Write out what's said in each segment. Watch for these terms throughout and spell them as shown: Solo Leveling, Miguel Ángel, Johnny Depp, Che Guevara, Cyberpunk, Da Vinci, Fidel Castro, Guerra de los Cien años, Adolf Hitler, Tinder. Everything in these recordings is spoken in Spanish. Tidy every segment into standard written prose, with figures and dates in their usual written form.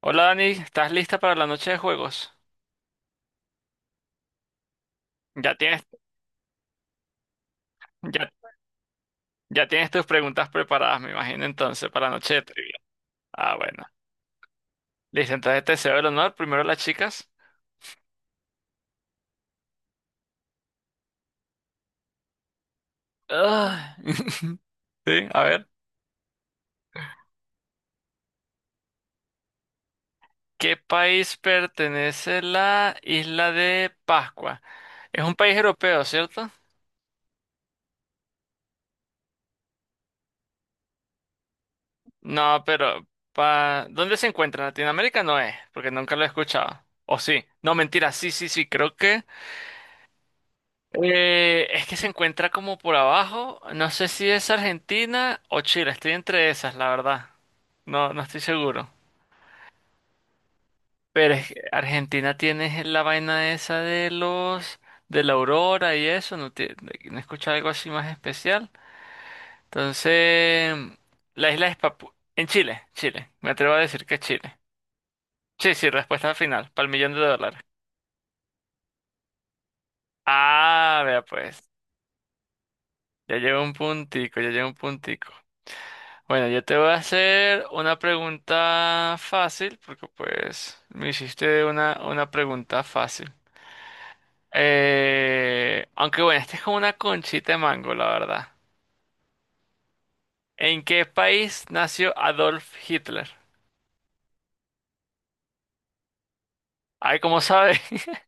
Hola Dani, ¿estás lista para la noche de juegos? Ya tienes, ya, ya tienes tus preguntas preparadas, me imagino entonces, para la noche de trivia. Ah, bueno. Listo, entonces te cedo el honor. Primero las chicas. Ah. Sí, a ver. ¿Qué país pertenece la isla de Pascua? Es un país europeo, ¿cierto? No, pero ¿dónde se encuentra? ¿En Latinoamérica no es? Porque nunca lo he escuchado. ¿O sí? No, mentira, sí, sí, sí, creo que... Es que se encuentra como por abajo. No sé si es Argentina o Chile. Estoy entre esas, la verdad. No, no estoy seguro. Pero es que Argentina tiene la vaina esa de los de la aurora y eso. No, no he escuchado algo así más especial. Entonces, la isla es Papu en Chile, Chile. Me atrevo a decir que es Chile. Sí, sí, respuesta final, para el millón de dólares. Ah, vea pues. Ya llevo un puntico, ya llevo un puntico. Bueno, yo te voy a hacer una pregunta fácil, porque pues me hiciste una pregunta fácil. Aunque bueno, esta es como una conchita de mango, la verdad. ¿En qué país nació Adolf Hitler? Ay, ¿cómo sabes?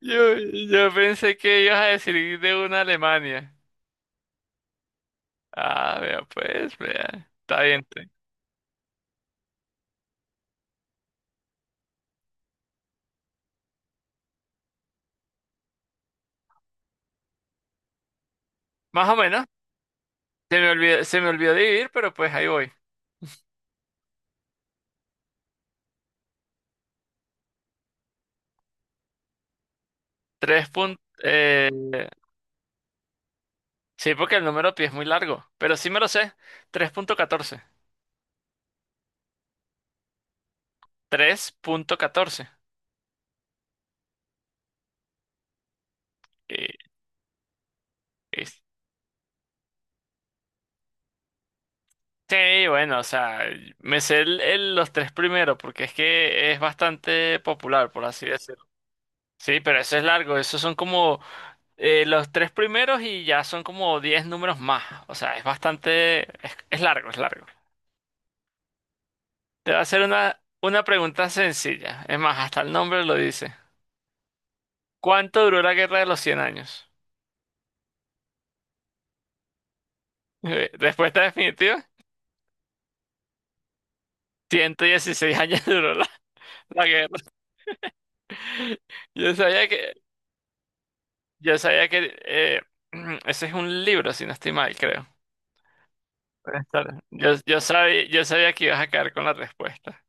Yo pensé que ibas a decir de una Alemania. Ah, vea, pues, vea. Está bien, está bien. Más o menos. Se me olvidó dividir, pero pues ahí voy. Tres puntos. Sí, porque el número pi es muy largo, pero sí me lo sé. 3.14. 3.14. Eh, es- Sí, bueno, o sea, me sé los tres primeros porque es que es bastante popular, por así decirlo. Sí, pero eso es largo, esos son como los tres primeros y ya son como 10 números más. O sea, es bastante, es largo, es largo. Te voy a hacer una pregunta sencilla. Es más, hasta el nombre lo dice. ¿Cuánto duró la Guerra de los Cien años? Respuesta definitiva. 116 años duró la guerra. Yo sabía que, yo sabía que ese es un libro, si no estoy mal, creo. Puede estar. Yo sabía que ibas a caer con la respuesta.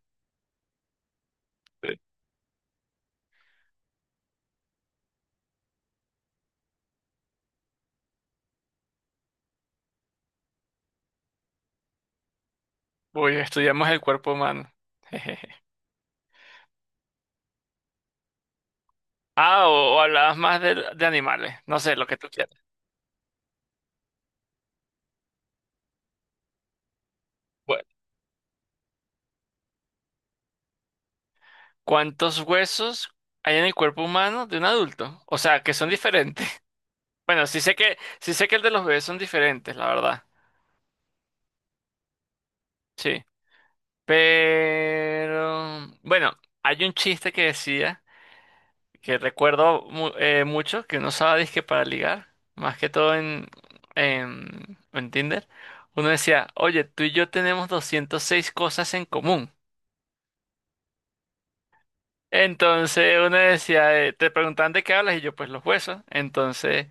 Sí. Uy, estudiamos el cuerpo humano. Jejeje. Ah, o hablabas más de animales. No sé, lo que tú quieras. Bueno, ¿cuántos huesos hay en el cuerpo humano de un adulto? O sea, que son diferentes. Bueno, sí sé que el de los bebés son diferentes, la verdad. Sí. Pero bueno, hay un chiste que decía, que recuerdo mucho, que uno usaba disque para ligar, más que todo en Tinder. Uno decía, oye, tú y yo tenemos 206 cosas en común. Entonces uno decía, te preguntan de qué hablas y yo pues los huesos. Entonces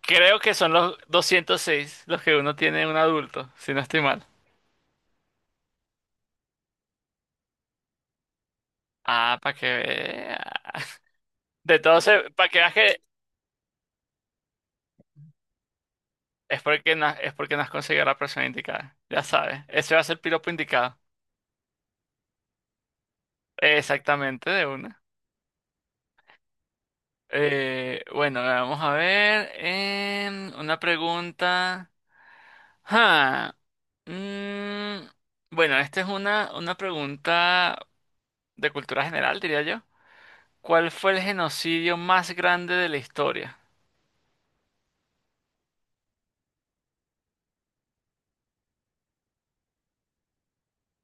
creo que son los 206 los que uno tiene en un adulto, si no estoy mal. Ah, para que vea. Para que veas que es porque no, es porque no has conseguido a la persona indicada. Ya sabes. Ese va a ser el piropo indicado. Exactamente, de una. Bueno, vamos a ver. Una pregunta. Ah, mm, bueno, esta es una pregunta de cultura general, diría yo. ¿Cuál fue el genocidio más grande de la historia?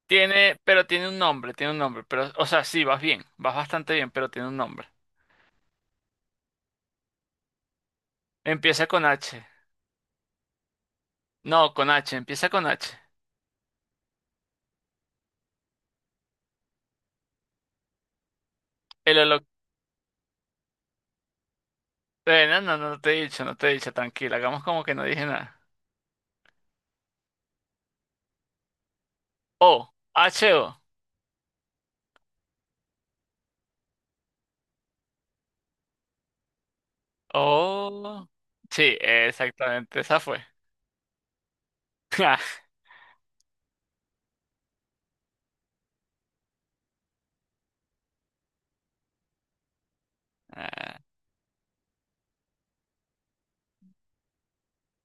Pero tiene un nombre, tiene un nombre. Pero, o sea, sí, vas bien, vas bastante bien, pero tiene un nombre. Empieza con H. No, con H, empieza con H. El No, no, no te he dicho, tranquila, hagamos como que no dije nada. O, H-O. O. O. Sí, exactamente, esa fue. Ah.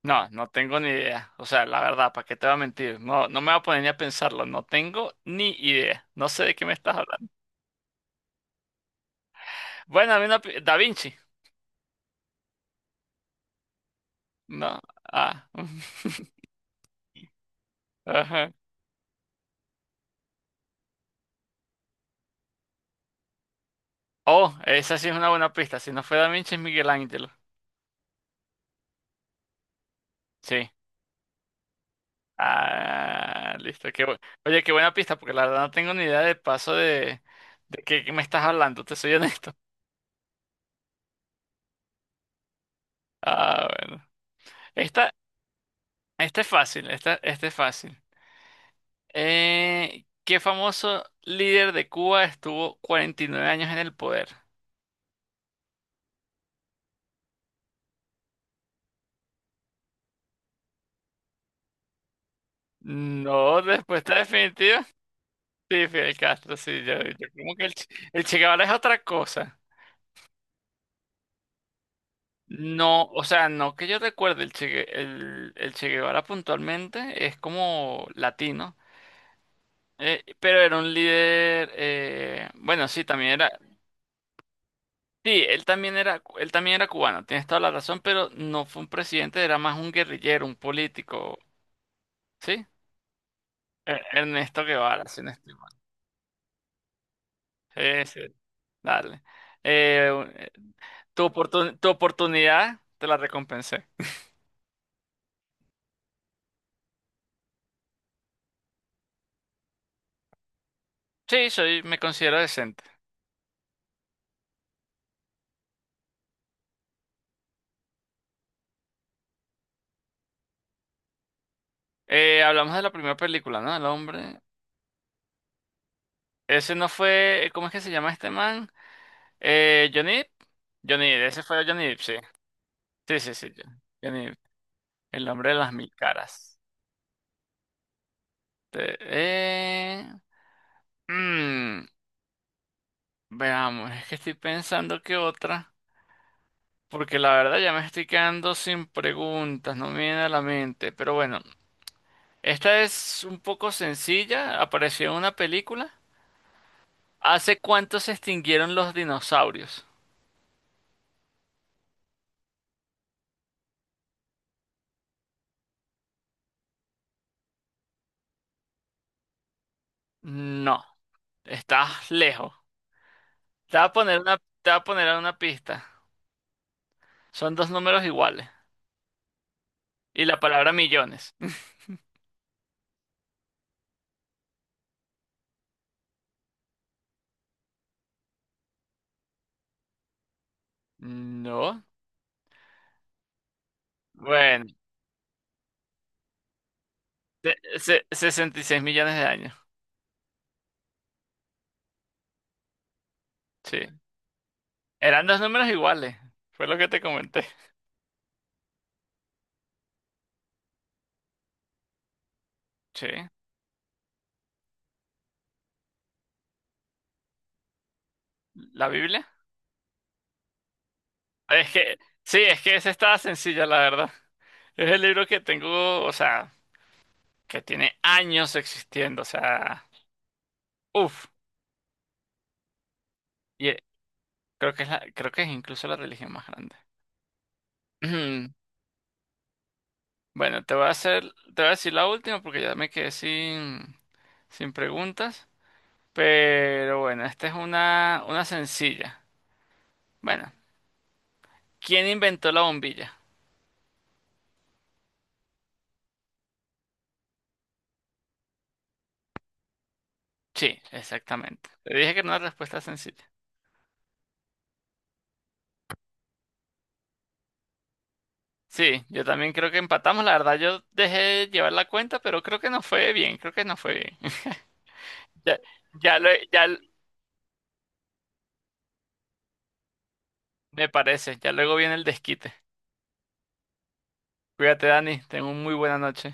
No, no tengo ni idea. O sea, la verdad, ¿para qué te voy a mentir? No, no me voy a poner ni a pensarlo, no tengo ni idea. No sé de qué me estás hablando. Bueno, a mí una... pi- Da Vinci. No. Ah. Ajá. Oh, esa sí es una buena pista. Si no fue Da Vinci, es Miguel Ángel. Sí. Ah, listo. Oye, qué buena pista, porque la verdad no tengo ni idea de paso de qué me estás hablando, te soy honesto. Ah, bueno. Esta, esta es fácil, esta es fácil. ¿Qué famoso líder de Cuba estuvo 49 años en el poder? No, respuesta definitiva. Sí, Fidel Castro, sí, yo como que el Che Guevara es otra cosa. No, o sea, no que yo recuerde, el Che Guevara puntualmente es como latino. Pero era un líder, bueno, sí, también era, sí, él también era cubano, tienes toda la razón, pero no fue un presidente, era más un guerrillero, un político, ¿sí? Ernesto Guevara, si no estoy mal. Sí, sí, dale. Eh, un- eh, tu oportunidad te la recompensé. Sí, me considero decente. Hablamos de la primera película, ¿no? El hombre. Ese no fue, ¿cómo es que se llama este man? Johnny Depp. Johnny Depp, ese fue Johnny Depp, sí. Sí, sí, sí. Ya ni- el nombre de las mil caras. Te- eh, mm, veamos, es que estoy pensando que otra. Porque la verdad ya me estoy quedando sin preguntas, no me viene a la mente. Pero bueno, esta es un poco sencilla, apareció en una película. ¿Hace cuánto se extinguieron los dinosaurios? No, estás lejos. Te voy a poner una, te voy a poner una pista. Son dos números iguales. Y la palabra millones. No. Bueno. 66 millones de años. Sí. Eran dos números iguales. Fue lo que te comenté. Sí. ¿La Biblia? Es que, sí, es que esa estaba sencilla, la verdad. Es el libro que tengo, o sea, que tiene años existiendo, o sea, uff. Y eh, creo que es incluso la religión más grande. Bueno, te voy a decir la última porque ya me quedé sin preguntas. Pero bueno, esta es una sencilla. Bueno, ¿quién inventó la bombilla? Sí, exactamente. Te dije que era una respuesta sencilla. Sí, yo también creo que empatamos. La verdad, yo dejé llevar la cuenta, pero creo que no fue bien. Creo que no fue bien. Ya, ya, me parece. Ya luego viene el desquite. Cuídate, Dani. Tengo una muy buena noche.